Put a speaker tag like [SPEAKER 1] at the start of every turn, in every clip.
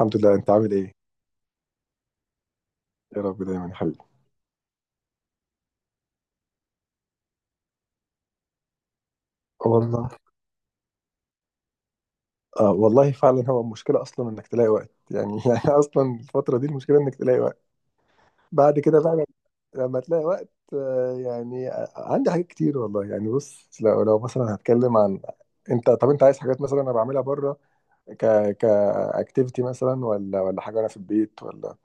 [SPEAKER 1] الحمد لله، انت عامل ايه؟ يا رب دايما يا حبيبي. والله. آه والله فعلا هو المشكله اصلا انك تلاقي وقت يعني. يعني اصلا الفتره دي المشكله انك تلاقي وقت بعد كده بقى. لما تلاقي وقت يعني عندي حاجات كتير والله يعني. بص لو مثلا هتكلم عن طب انت عايز حاجات مثلا انا بعملها بره، ك كاكتيفيتي مثلا ولا حاجه انا في البيت ولا.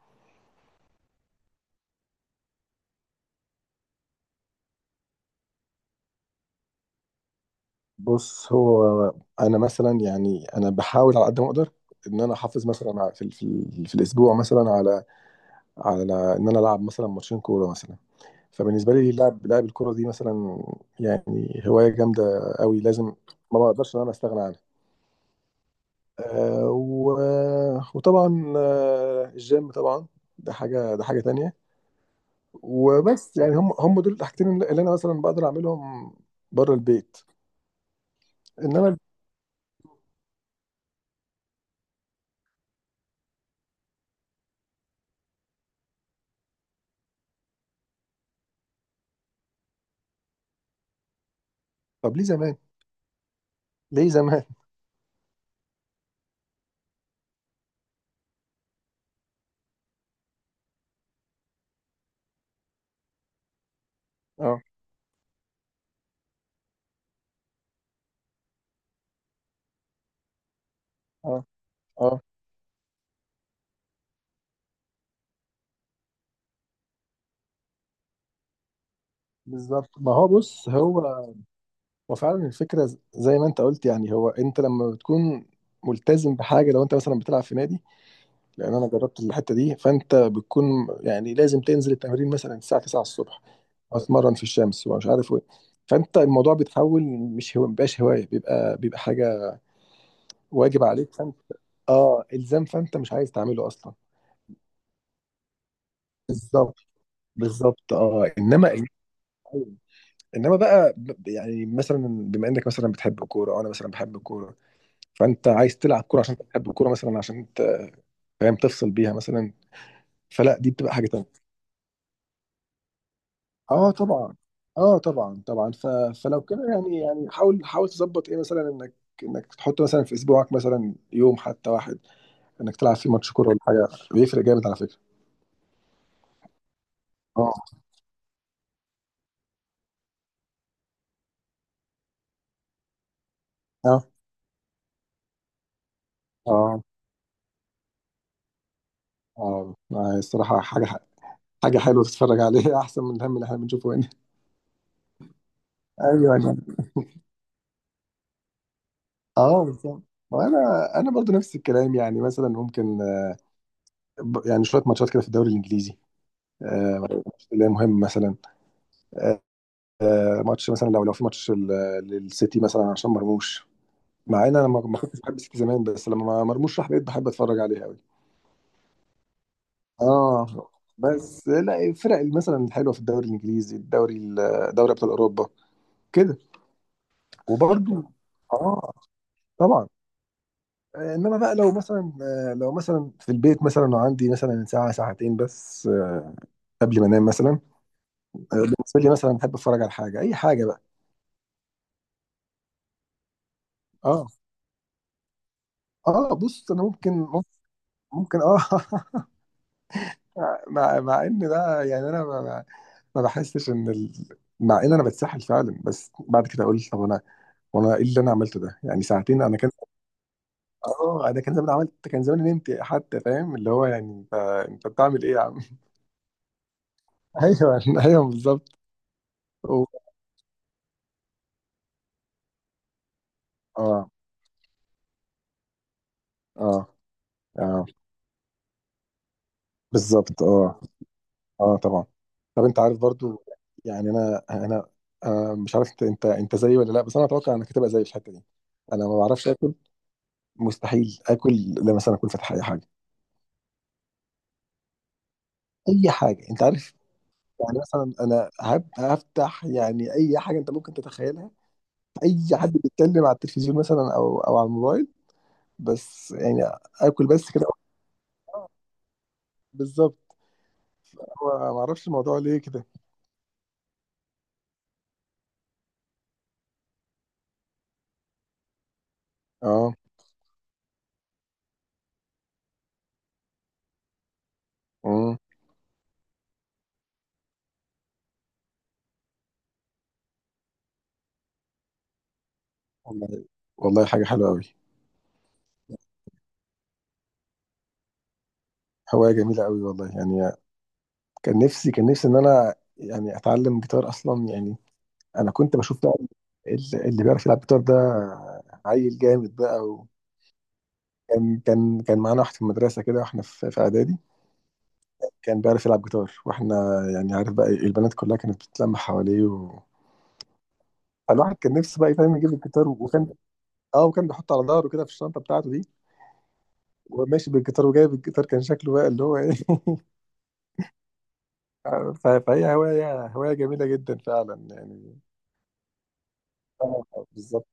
[SPEAKER 1] بص هو انا مثلا يعني انا بحاول على قد ما اقدر ان انا احافظ مثلا في في الاسبوع مثلا على ان انا العب مثلا ماتشين كوره مثلا. فبالنسبه لي لعب الكوره دي مثلا يعني هوايه جامده قوي، لازم ما بقدرش ان انا استغنى عنها. آه و... وطبعا الجيم طبعا، ده حاجه، ده حاجه تانية. وبس يعني هم دول الحاجتين اللي انا مثلا بقدر اعملهم بره البيت. انما طب ليه زمان، ليه زمان؟ اه، اه، اه، بالظبط، ما هو بص هو. وفعلا الفكرة زي ما انت قلت يعني. هو انت لما بتكون ملتزم بحاجة لو انت مثلا بتلعب في نادي، لان انا جربت الحتة دي، فانت بتكون يعني لازم تنزل التمرين مثلا الساعة 9 الصبح، اتمرن في الشمس ومش عارف ايه. فانت الموضوع بيتحول، مش هو مبقاش هواية، بيبقى حاجة واجب عليك، فانت اه الزام، فانت مش عايز تعمله اصلا. بالظبط، بالظبط، اه. انما بقى يعني مثلا بما انك مثلا بتحب الكوره وانا مثلا بحب الكوره، فانت عايز تلعب كوره عشان تحب الكوره مثلا، عشان فاهم تفصل بيها مثلا، فلا دي بتبقى حاجه تانيه. اه طبعا، اه طبعا، طبعا. فلو كده يعني يعني حاول تظبط ايه مثلا انك تحط مثلا في اسبوعك مثلا يوم حتى واحد انك تلعب فيه ماتش كوره ولا حاجه، بيفرق جامد على فكره. اه، اه، اه، اه، الصراحه حاجه حلوه تتفرج عليها احسن من الهم اللي احنا بنشوفه هنا. ايوه، انا اه بالظبط. وانا انا برضو نفس الكلام يعني، مثلا ممكن يعني شويه ماتشات كده في الدوري الانجليزي، آه، اللي هي مهم مثلا، آه، ماتش مثلا لو في ماتش للسيتي مثلا عشان مرموش. مع ان انا ما كنتش بحب السيتي زمان، بس لما مرموش راح بقيت بحب اتفرج عليه قوي. اه، بس لا، الفرق مثلا الحلوه في الدوري الانجليزي، الدوري دوري ابطال اوروبا كده، وبرده اه طبعا. انما بقى لو مثلا لو مثلا في البيت مثلا وعندي مثلا ساعه ساعتين بس، قبل ما انام مثلا، بالنسبه لي مثلا بحب اتفرج على حاجه اي حاجه بقى. اه، اه، بص انا ممكن اه. مع ان ده يعني انا ما بحسش ان مع ان انا بتسحل فعلا، بس بعد كده اقول طب انا وانا ايه اللي انا عملته ده؟ يعني ساعتين انا كان. اه. انا كان زمان عملت كان زمان نمت حتى، فاهم اللي هو يعني انت بتعمل ايه يا عم؟ ايوه، ايوه، بالظبط. و- اه، اه، اه، بالظبط، اه. اه طبعا. طب انت عارف برضو يعني انا انا آه مش عارف انت زيي ولا لا، بس انا اتوقع انك هتبقى زيي في الحته دي. انا ما بعرفش اكل، مستحيل اكل لما مثلا اكون فاتح اي حاجه، اي حاجه انت عارف. يعني مثلا انا هفتح يعني اي حاجه انت ممكن تتخيلها، اي حد بيتكلم على التلفزيون مثلا او على الموبايل، بس يعني اكل بس كده. بالظبط، هو ما اعرفش الموضوع ليه كده. اه، امم، والله والله، حاجه حلوه قوي، هوايه جميله قوي والله يعني. كان نفسي ان انا يعني اتعلم جيتار اصلا يعني. انا كنت بشوف بقى اللي بيعرف يلعب جيتار ده عيل جامد بقى. وكان كان معانا واحد في المدرسه كده واحنا في اعدادي، كان بيعرف يلعب جيتار واحنا يعني عارف بقى البنات كلها كانت بتتلم حواليه، و... فالواحد كان نفسه بقى فاهم يجيب الجيتار، وكان اه وكان بيحطه على ظهره كده في الشنطه بتاعته دي، وماشي بالجيتار وجايب الجيتار كان شكله بقى اللي هو ايه. فهي هوايه جميله جدا فعلا يعني. اه، بالظبط،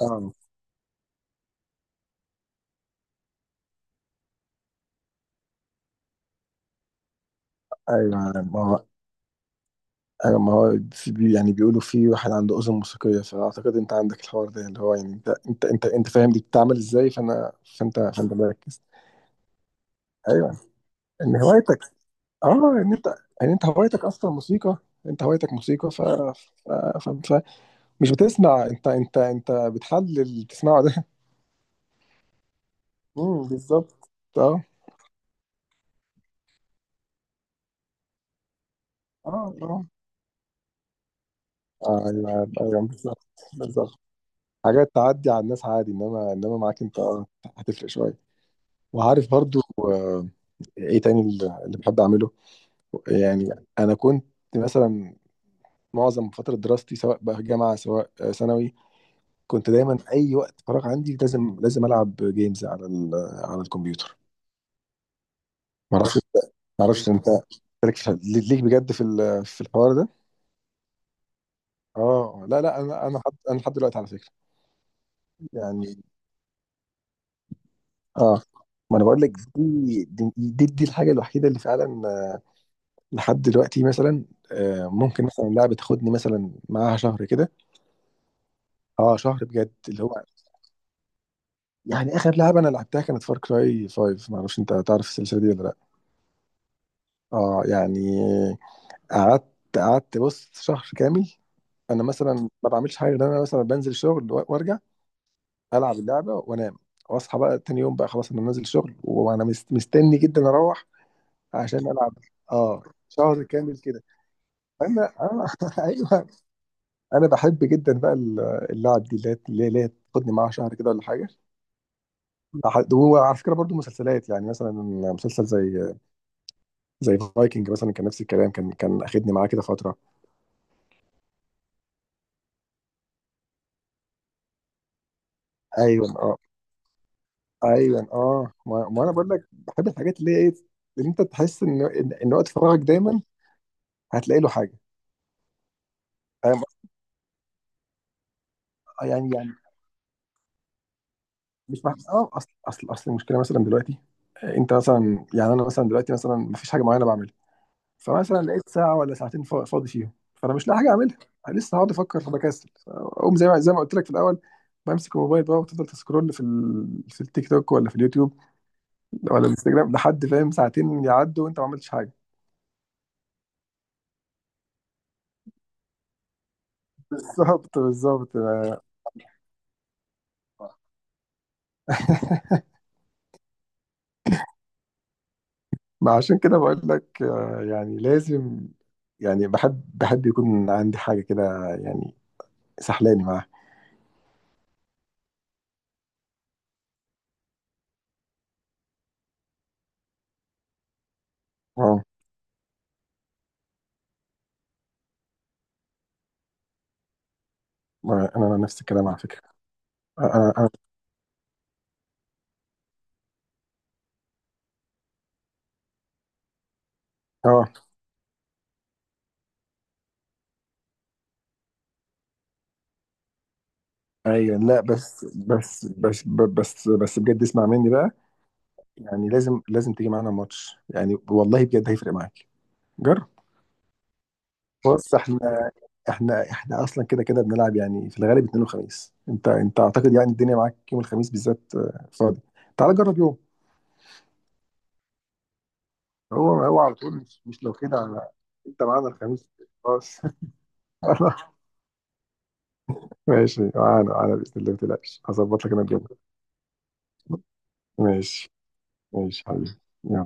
[SPEAKER 1] اه. ايوه ما هو، ايوه ما هو يعني بيقولوا في واحد عنده اذن موسيقيه، فاعتقد انت عندك الحوار ده اللي هو يعني انت فاهم دي بتتعمل ازاي، فانا فانت مركز. ايوه، ان هوايتك اه ان انت يعني انت هوايتك اصلا موسيقى، انت هوايتك موسيقى. ف... ف... مش بتسمع، انت انت بتحلل اللي بتسمعه ده. بالظبط. اه، اه، اه، ايوه، ايوه بالظبط، بالظبط. حاجات تعدي على الناس عادي، انما معاك انت اه هتفرق شويه. وعارف برضو ايه تاني اللي بحب اعمله؟ يعني انا كنت مثلا معظم فتره دراستي سواء بقى جامعه سواء ثانوي، كنت دايما في اي وقت فراغ عندي لازم لازم العب جيمز على على الكمبيوتر. ما اعرفش انت ما اعرفش انت ليك ليك بجد في في الحوار ده. اه لا لا، انا حد انا لحد دلوقتي على فكره يعني. اه، ما انا بقول لك دي الحاجه الوحيده اللي فعلا، لحد دلوقتي مثلا، ممكن مثلا لعبه تاخدني مثلا معاها شهر كده. اه شهر بجد اللي هو يعني، اخر لعبه انا لعبتها كانت فار كراي 5، ما اعرفش انت تعرف السلسله دي ولا لا. اه يعني، قعدت قعدت بص شهر كامل انا مثلا ما بعملش حاجه غير إن انا مثلا بنزل الشغل وارجع العب اللعبه وانام، واصحى بقى تاني يوم بقى خلاص انا نازل الشغل وانا مستني جدا اروح عشان العب. اه، شهر كامل كده. انا انا ايوه، انا بحب جدا بقى اللعب دي اللي هي تاخدني معاها شهر كده ولا حاجه. وعلى فكره برضو مسلسلات يعني مثلا مسلسل زي فايكنج مثلا كان نفس الكلام، كان اخدني معاه كده فتره. ايوه آه. ايوه، اه، ما انا بقول لك بحب الحاجات اللي هي ايه اللي انت تحس ان ان إن وقت فراغك دايما هتلاقي له حاجه. أم- يعني مش اه، اصل المشكله مثلا دلوقتي، انت مثلا يعني انا مثلا دلوقتي مثلا ما فيش حاجه معينه بعملها، فمثلا لقيت ساعه ولا ساعتين فاضي فيهم، فانا مش لاقي حاجه اعملها. لسه هقعد افكر، فبكسل اقوم زي ما قلت لك في الاول، بمسك الموبايل بقى وتفضل تسكرول في في التيك توك ولا في اليوتيوب ولا الانستجرام، لحد فاهم ساعتين يعدوا وانت ما عملتش حاجه. بالظبط، بالظبط. ما عشان كده بقول لك يعني لازم، يعني بحب يكون عندي حاجة كده يعني سحلاني معاها. اه ما انا نفس الكلام على فكرة. اه، اه، آه، ايوه. لا بس بجد اسمع مني بقى، يعني لازم لازم تيجي معانا ماتش يعني والله بجد هيفرق معاك، جرب. بص احنا احنا اصلا كده كده بنلعب يعني في الغالب اثنين وخميس. انت اعتقد يعني الدنيا معاك يوم الخميس بالذات فاضي، تعال جرب يوم. هو على طول، مش لو كده، انت معانا الخميس. خلاص. ماشي، معانا معانا بإذن الله، ما تقلقش، هظبط لك انا الجو. ماشي، ماشي حبيبي. يلا.